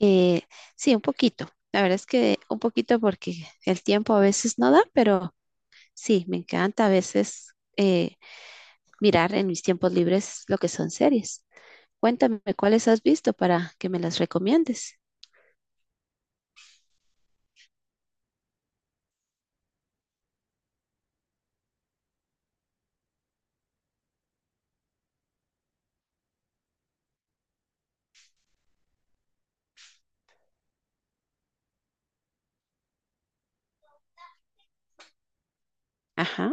Eh, sí, un poquito. La verdad es que un poquito porque el tiempo a veces no da, pero sí, me encanta a veces mirar en mis tiempos libres lo que son series. Cuéntame cuáles has visto para que me las recomiendes. Ajá.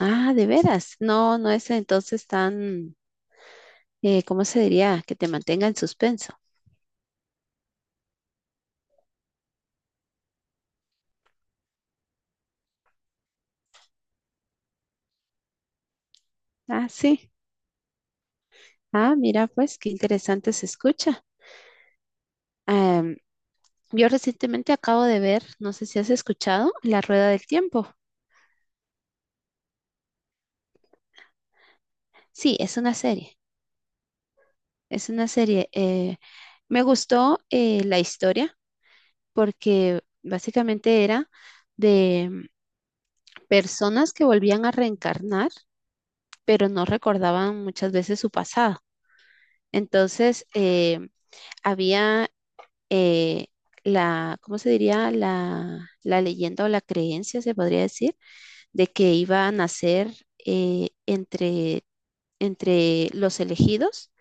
Ah, de veras. No, no es entonces tan, ¿cómo se diría? Que te mantenga en suspenso. Ah, sí. Ah, mira, pues qué interesante se escucha. Em, yo recientemente acabo de ver, no sé si has escuchado, La Rueda del Tiempo. Sí, es una serie, es una serie. Me gustó la historia porque básicamente era de personas que volvían a reencarnar, pero no recordaban muchas veces su pasado. Entonces, había eh, ¿cómo se diría? La leyenda o la creencia, se podría decir, de que iba a nacer entre los elegidos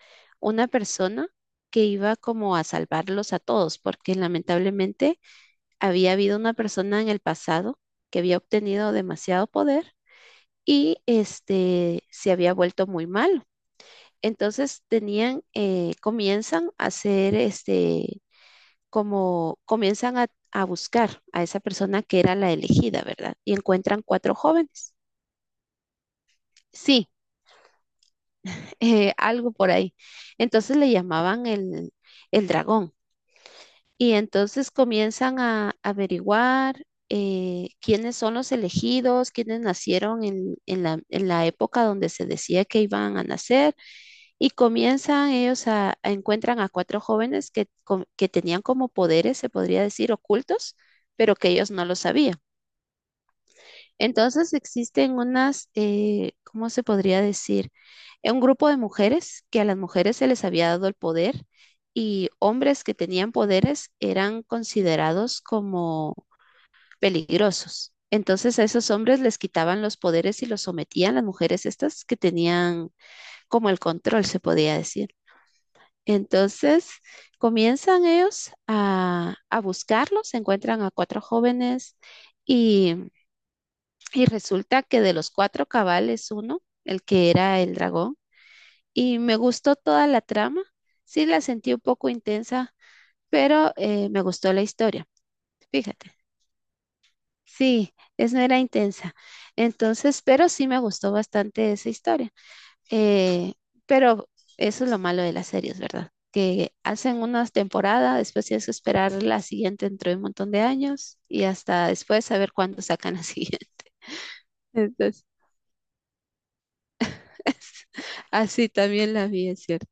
una persona que iba como a salvarlos a todos, porque lamentablemente había habido una persona en el pasado que había obtenido demasiado poder y este se había vuelto muy malo. Entonces tenían, comienzan a hacer este, como comienzan a buscar a esa persona que era la elegida, ¿verdad? Y encuentran cuatro jóvenes. Sí, algo por ahí. Entonces le llamaban el dragón. Y entonces comienzan a averiguar quiénes son los elegidos, quiénes nacieron en la época donde se decía que iban a nacer. Y comienzan ellos a encuentran a cuatro jóvenes que tenían como poderes, se podría decir, ocultos, pero que ellos no lo sabían. Entonces existen unas, ¿cómo se podría decir? Un grupo de mujeres que a las mujeres se les había dado el poder y hombres que tenían poderes eran considerados como peligrosos. Entonces a esos hombres les quitaban los poderes y los sometían las mujeres estas que tenían como el control, se podía decir. Entonces comienzan ellos a buscarlos, encuentran a cuatro jóvenes y y resulta que de los cuatro cabales uno, el que era el dragón, y me gustó toda la trama. Sí, la sentí un poco intensa, pero me gustó la historia. Fíjate, sí, es no era intensa. Entonces, pero sí me gustó bastante esa historia. Eh, pero eso es lo malo de las series, ¿verdad? Que hacen unas temporadas, después tienes que esperar la siguiente dentro de un montón de años y hasta después saber cuándo sacan la siguiente. Entonces, Así también la vi, es cierto.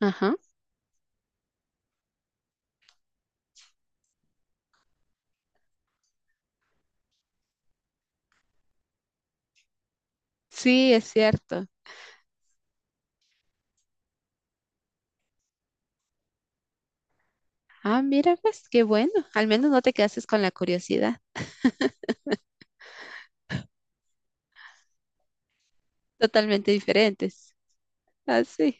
Ajá. Sí, es cierto. Ah, mira, pues qué bueno. Al menos no te quedaste con la curiosidad. Totalmente diferentes. Así.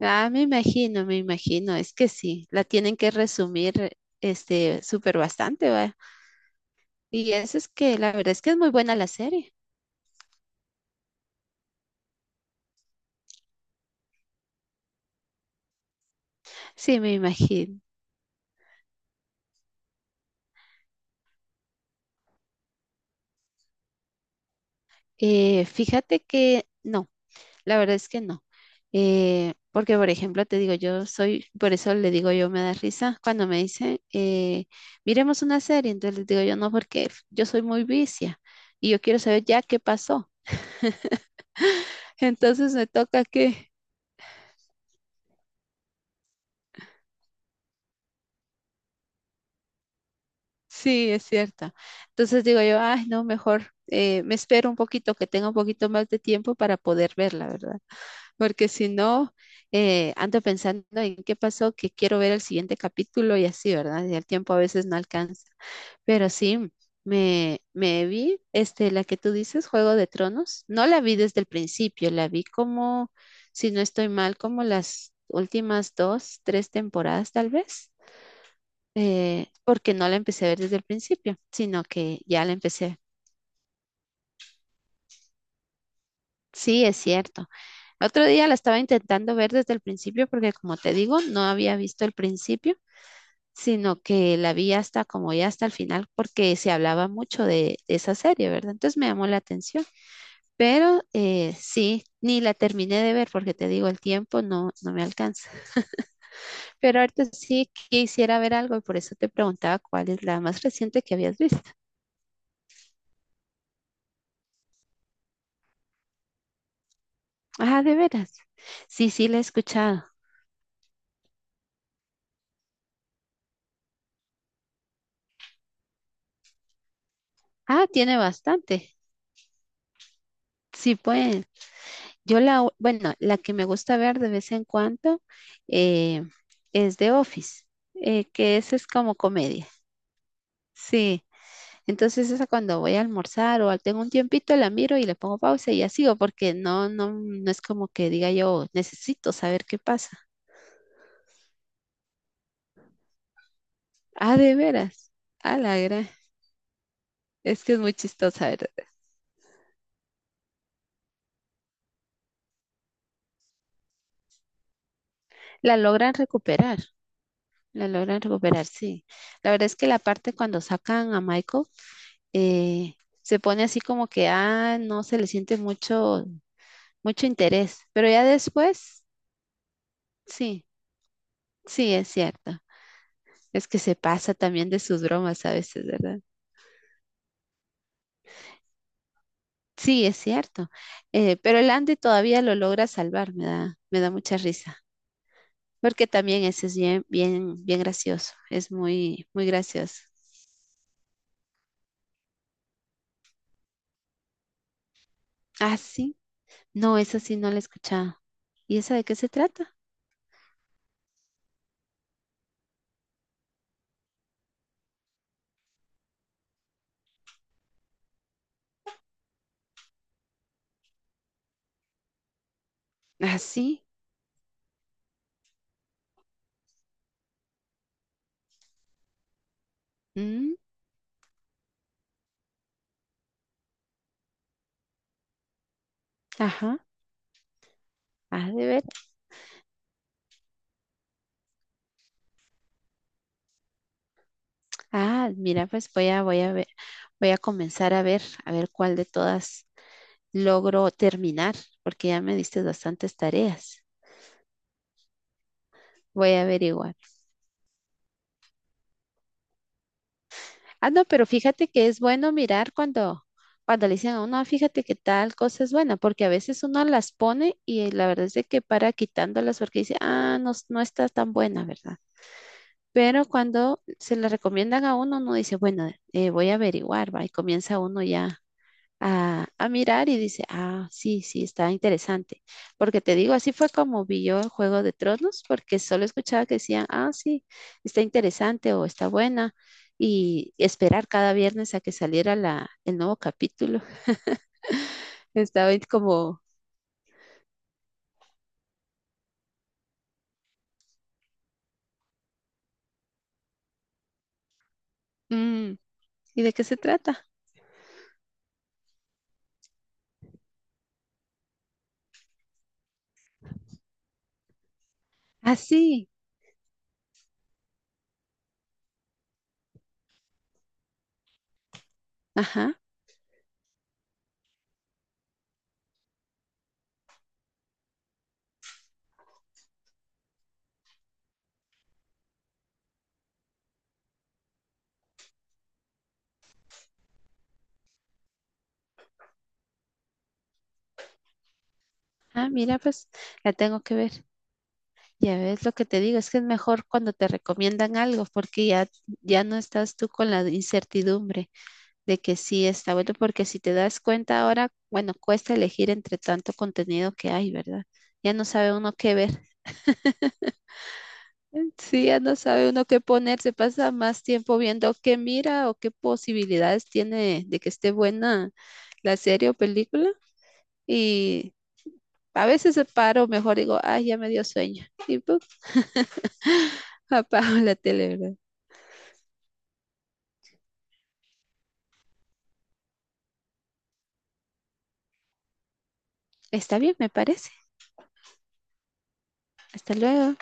Ah, me imagino, me imagino. Es que sí, la tienen que resumir este súper bastante, ¿va? Y eso es que la verdad es que es muy buena la serie. Sí, me imagino. Fíjate que no. La verdad es que no. Porque, por ejemplo, te digo, yo soy, por eso le digo yo me da risa cuando me dicen, miremos una serie. Entonces les digo yo no, porque yo soy muy vicia y yo quiero saber ya qué pasó. Entonces me toca que, sí, es cierto. Entonces digo yo, ay, no, mejor me espero un poquito, que tenga un poquito más de tiempo para poder verla, ¿verdad? Porque si no, ando pensando en qué pasó, que quiero ver el siguiente capítulo y así, ¿verdad? Y el tiempo a veces no alcanza. Pero sí, me vi, este, la que tú dices, Juego de Tronos, no la vi desde el principio, la vi como, si no estoy mal, como las últimas dos, tres temporadas tal vez, porque no la empecé a ver desde el principio, sino que ya la empecé. Sí, es cierto. Otro día la estaba intentando ver desde el principio porque, como te digo, no había visto el principio, sino que la vi hasta como ya hasta el final porque se hablaba mucho de esa serie, ¿verdad? Entonces me llamó la atención. Pero sí, ni la terminé de ver porque te digo, el tiempo no, no me alcanza. Pero ahorita sí quisiera ver algo y por eso te preguntaba cuál es la más reciente que habías visto. Ah, de veras. Sí, sí, la he escuchado. Ah, tiene bastante. Sí, pues bueno, la que me gusta ver de vez en cuando eh, es The Office, que esa es como comedia. Sí. Entonces esa cuando voy a almorzar o tengo un tiempito la miro y le pongo pausa y ya sigo porque no, no, no es como que diga yo necesito saber qué pasa. Ah, de veras. Ah, la gran. Es que es muy chistosa, ¿verdad? La logran recuperar, la logran recuperar, sí. La verdad es que la parte cuando sacan a Michael eh, se pone así como que, ah, no se le siente mucho, mucho interés, pero ya después, sí, sí, es cierto. Es que se pasa también de sus bromas a veces, ¿verdad? Sí, es cierto. Pero el Andy todavía lo logra salvar, me da mucha risa, porque también ese es bien, bien, bien gracioso, es muy, muy gracioso. Ah, sí, no, esa sí no la he escuchado. ¿Y esa de qué se trata? Ah, sí, mm, ajá, ah, de ver. Ah, mira, pues voy a comenzar a ver cuál de todas logro terminar, porque ya me diste bastantes tareas. Voy a averiguar. Ah, no, pero fíjate que es bueno mirar cuando le dicen a uno, "Ah, fíjate que tal cosa es buena, porque a veces uno las pone y la verdad es de que para quitándolas porque dice, ah, no, no está tan buena, ¿verdad? Pero cuando se le recomiendan a uno, uno dice, bueno, voy a averiguar, va, y comienza uno ya a mirar y dice, ah, sí, sí, está interesante. Porque te digo, así fue como vi yo el Juego de Tronos, porque solo escuchaba que decían, ah, sí, está interesante o está buena. Y esperar cada viernes a que saliera el nuevo capítulo. Estaba ahí como, "Mm, ¿y de qué se trata? Ah, sí, ajá, ah, mira, pues la tengo que ver. Ya ves lo que te digo, es que es mejor cuando te recomiendan algo, porque ya, ya no estás tú con la incertidumbre de que sí está bueno, porque si te das cuenta ahora, bueno, cuesta elegir entre tanto contenido que hay, ¿verdad? Ya no sabe uno qué ver. Sí, ya no sabe uno qué poner, se pasa más tiempo viendo qué mira o qué posibilidades tiene de que esté buena la serie o película. Y a veces se paro, mejor digo, ay, ya me dio sueño. Y puf, apago la tele, ¿verdad? Está bien, me parece. Hasta luego.